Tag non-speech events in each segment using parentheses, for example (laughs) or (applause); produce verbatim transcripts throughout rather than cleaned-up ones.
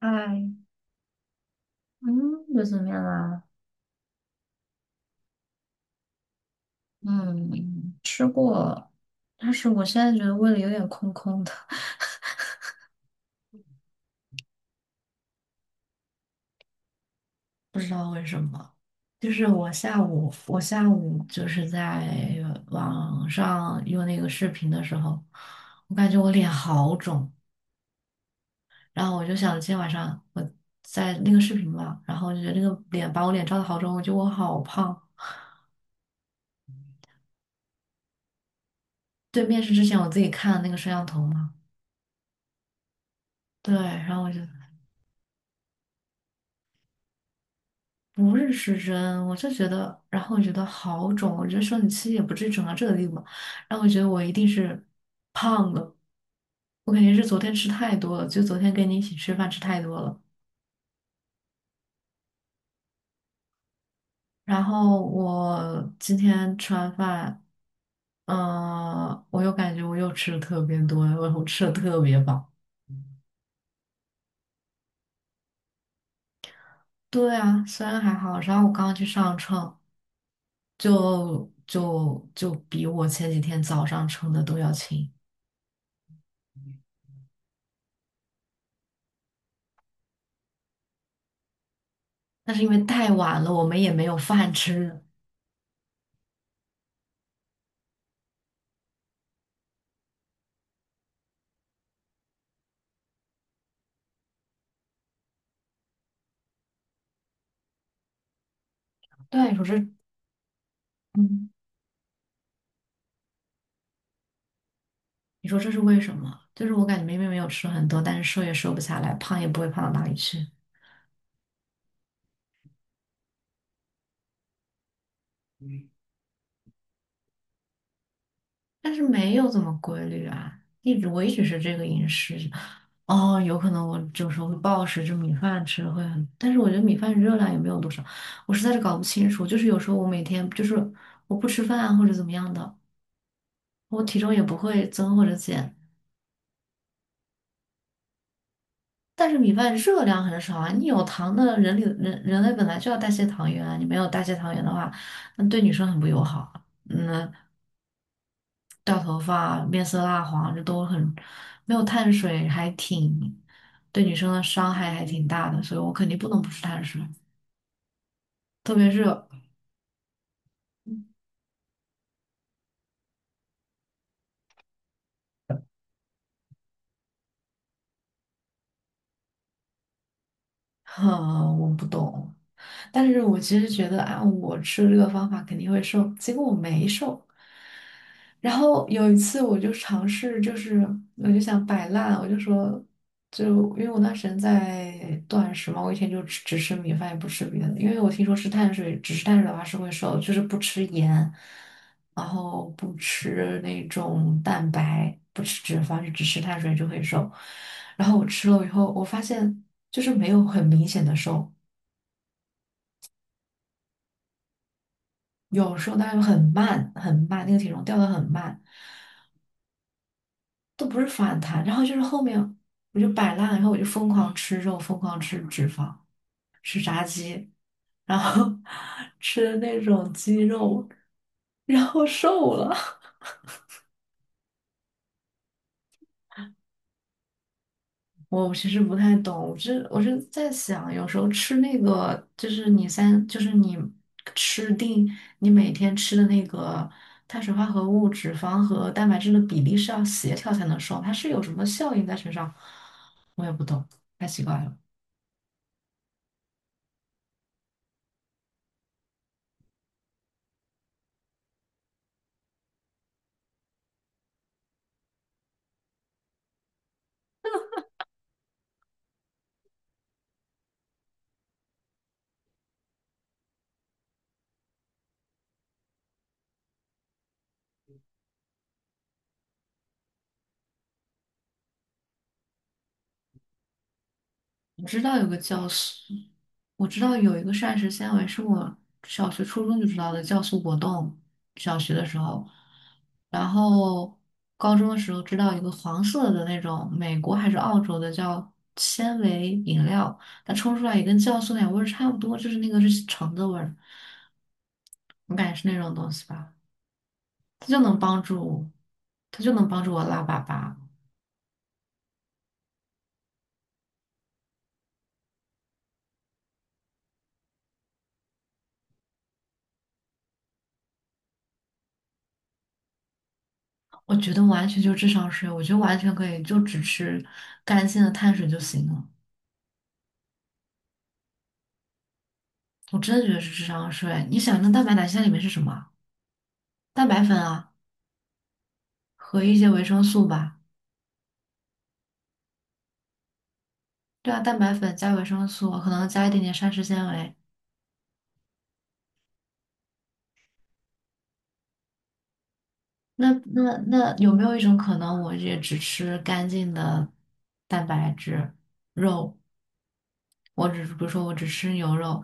哎，嗯，又怎面样啊？嗯，吃过，但是我现在觉得胃里有点空空的。(laughs) 不知道为什么，就是我下午，我下午就是在网上用那个视频的时候，我感觉我脸好肿，然后我就想今天晚上我在那个视频嘛，然后我就觉得那个脸把我脸照的好肿，我觉得我好胖。对，面试之前我自己看了那个摄像头嘛，对，然后我就不是失真，我就觉得，然后我觉得好肿，我觉得生理期也不至于肿到这个地步嘛，然后我觉得我一定是胖了，我肯定是昨天吃太多了，就昨天跟你一起吃饭吃太多了，然后我今天吃完饭，嗯、我又感觉我又吃的特别多，我我吃的特别饱。对啊，虽然还好，然后我刚刚去上称，就就就比我前几天早上称的都要轻。那是因为太晚了，我们也没有饭吃。对，你说这，嗯，你说这是为什么？就是我感觉明明没有吃很多，但是瘦也瘦不下来，胖也不会胖到哪里去。但是没有怎么规律啊，一直我一直是这个饮食。哦，有可能我有时候会暴食，就米饭吃会很，但是我觉得米饭热量也没有多少，我实在是搞不清楚。就是有时候我每天就是我不吃饭啊或者怎么样的，我体重也不会增或者减，但是米饭热量很少啊，你有糖的人里人人类本来就要代谢糖原啊，你没有代谢糖原的话，那对女生很不友好啊。嗯，掉头发、面色蜡黄，这都很没有碳水，还挺对女生的伤害还挺大的，所以我肯定不能不吃碳水，特别热，(laughs) 哼，我不懂。但是我其实觉得，按我吃这个方法肯定会瘦，结果我没瘦，然后有一次我就尝试，就是我就想摆烂，我就说，就因为我那时间在断食嘛，我以前就只只吃米饭，也不吃别的，因为我听说吃碳水，只吃碳水的话是会瘦，就是不吃盐，然后不吃那种蛋白，不吃脂肪，就只吃碳水就会瘦。然后我吃了以后，我发现就是没有很明显的瘦，有时候是是很慢很慢，那个体重掉的很慢。都不是反弹，然后就是后面我就摆烂了，然后我就疯狂吃肉，疯狂吃脂肪，吃炸鸡，然后 (laughs) 吃那种鸡肉，然后瘦了。(laughs) 我其实不太懂，我是我是在想，有时候吃那个就是你三，就是你吃定你每天吃的那个碳水化合物、脂肪和蛋白质的比例是要协调才能瘦，它是有什么效应在身上，我也不懂，太奇怪了。我知道有个酵素，我知道有一个膳食纤维是我小学、初中就知道的酵素果冻，小学的时候，然后高中的时候知道一个黄色的那种美国还是澳洲的叫纤维饮料，它冲出来也跟酵素奶味儿差不多，就是那个是橙子味儿，我感觉是那种东西吧，它就能帮助，它就能帮助我拉粑粑。我觉得完全就是智商税，我觉得完全可以就只吃干净的碳水就行了。我真的觉得是智商税。你想，那蛋白奶昔在里面是什么？蛋白粉啊，和一些维生素吧。对啊，蛋白粉加维生素，可能加一点点膳食纤维。那那那有没有一种可能，我也只吃干净的蛋白质肉？我只比如说我只吃牛肉，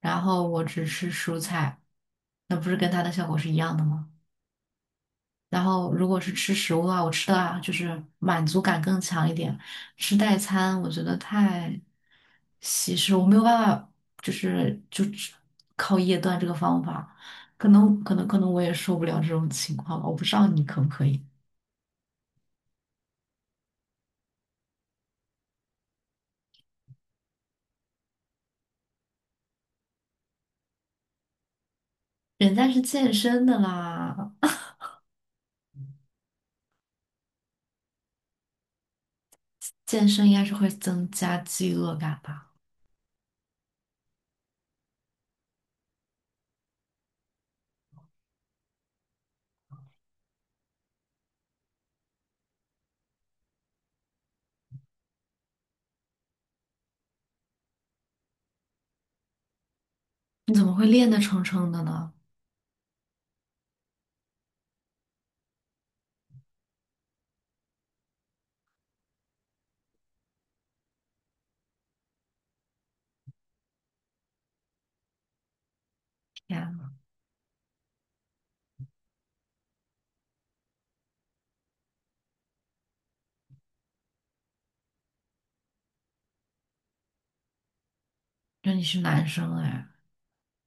然后我只吃蔬菜，那不是跟它的效果是一样的吗？然后如果是吃食物的话，我吃的啊就是满足感更强一点。吃代餐我觉得太稀释，我没有办法，就是就只靠夜断这个方法，可能可能可能我也受不了这种情况吧，我不知道你可不可以。人家是健身的啦，健身应该是会增加饥饿感吧？你怎么会练得撑撑的呢？天呐，那你是男生哎。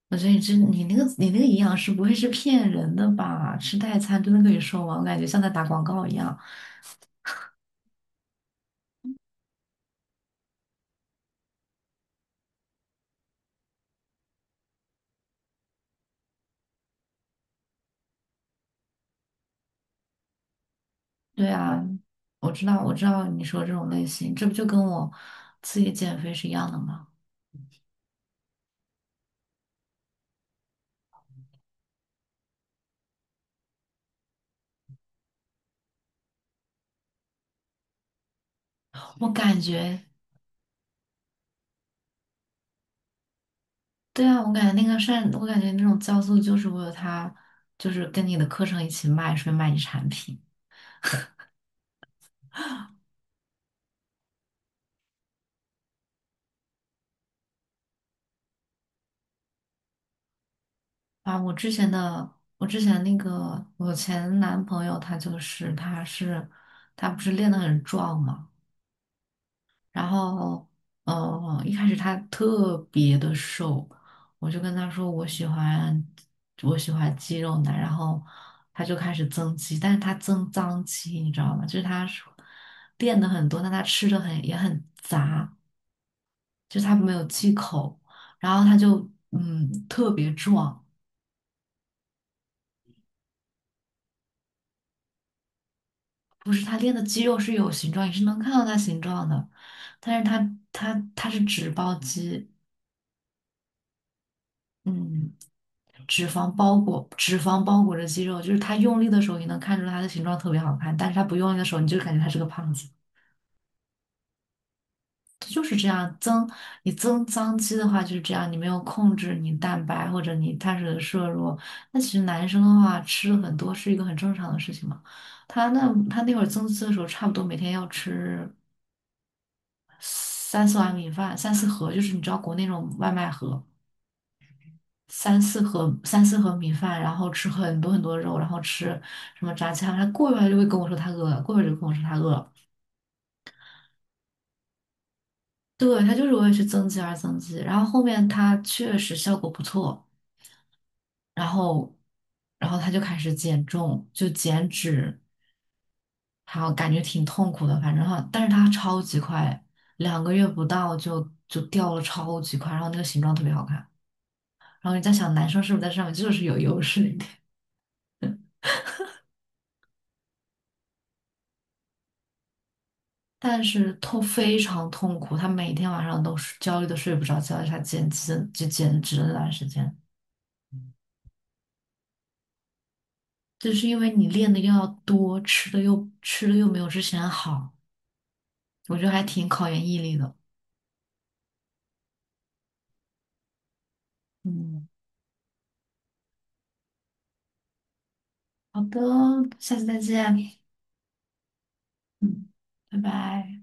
我觉得你这你那个你那个营养师不会是骗人的吧？吃代餐真的可以瘦吗？我感觉像在打广告一样。对啊，我知道我知道你说这种类型，这不就跟我自己减肥是一样的吗？我感觉，对啊，我感觉那个善，我感觉那种酵素就是为了它，就是跟你的课程一起卖，顺便卖你产品啊。我之前的我之前那个我前男朋友他就是他是他不是练得很壮嘛。然后，嗯，一开始他特别的瘦，我就跟他说我喜欢我喜欢肌肉男，然后他就开始增肌，但是他增脏肌，你知道吗？就是他是练的很多，但他吃的很也很杂，就是他没有忌口，然后他就嗯特别壮，不是他练的肌肉是有形状，也是能看到他形状的，但是他他他是脂包肌，嗯。脂肪包裹，脂肪包裹着肌肉，就是他用力的时候，你能看出他的形状特别好看，但是他不用力的时候，你就感觉他是个胖子。就是这样，增你增脏肌的话就是这样，你没有控制你蛋白或者你碳水的摄入，那其实男生的话吃很多是一个很正常的事情嘛。他那他那会儿增肌的时候，差不多每天要吃三四碗米饭，三四盒，就是你知道国内那种外卖盒。三四盒三四盒米饭，然后吃很多很多肉，然后吃什么炸鸡汉堡他过一会儿就会跟我说他饿了，过一会儿就跟我说他饿了。对，他就是为了去增肌而增肌。然后后面他确实效果不错，然后然后他就开始减重，就减脂，然后感觉挺痛苦的，反正哈，但是他超级快，两个月不到就就掉了超级快，然后那个形状特别好看。然后你在想，男生是不是在上面就是有优势一点？但是痛非常痛苦，他每天晚上都是焦虑的睡不着觉，他减脂就减脂了那段时间，就是因为你练的又要多，吃的又吃的又没有之前好，我觉得还挺考验毅力的。嗯，好的，下次再见。嗯，拜拜。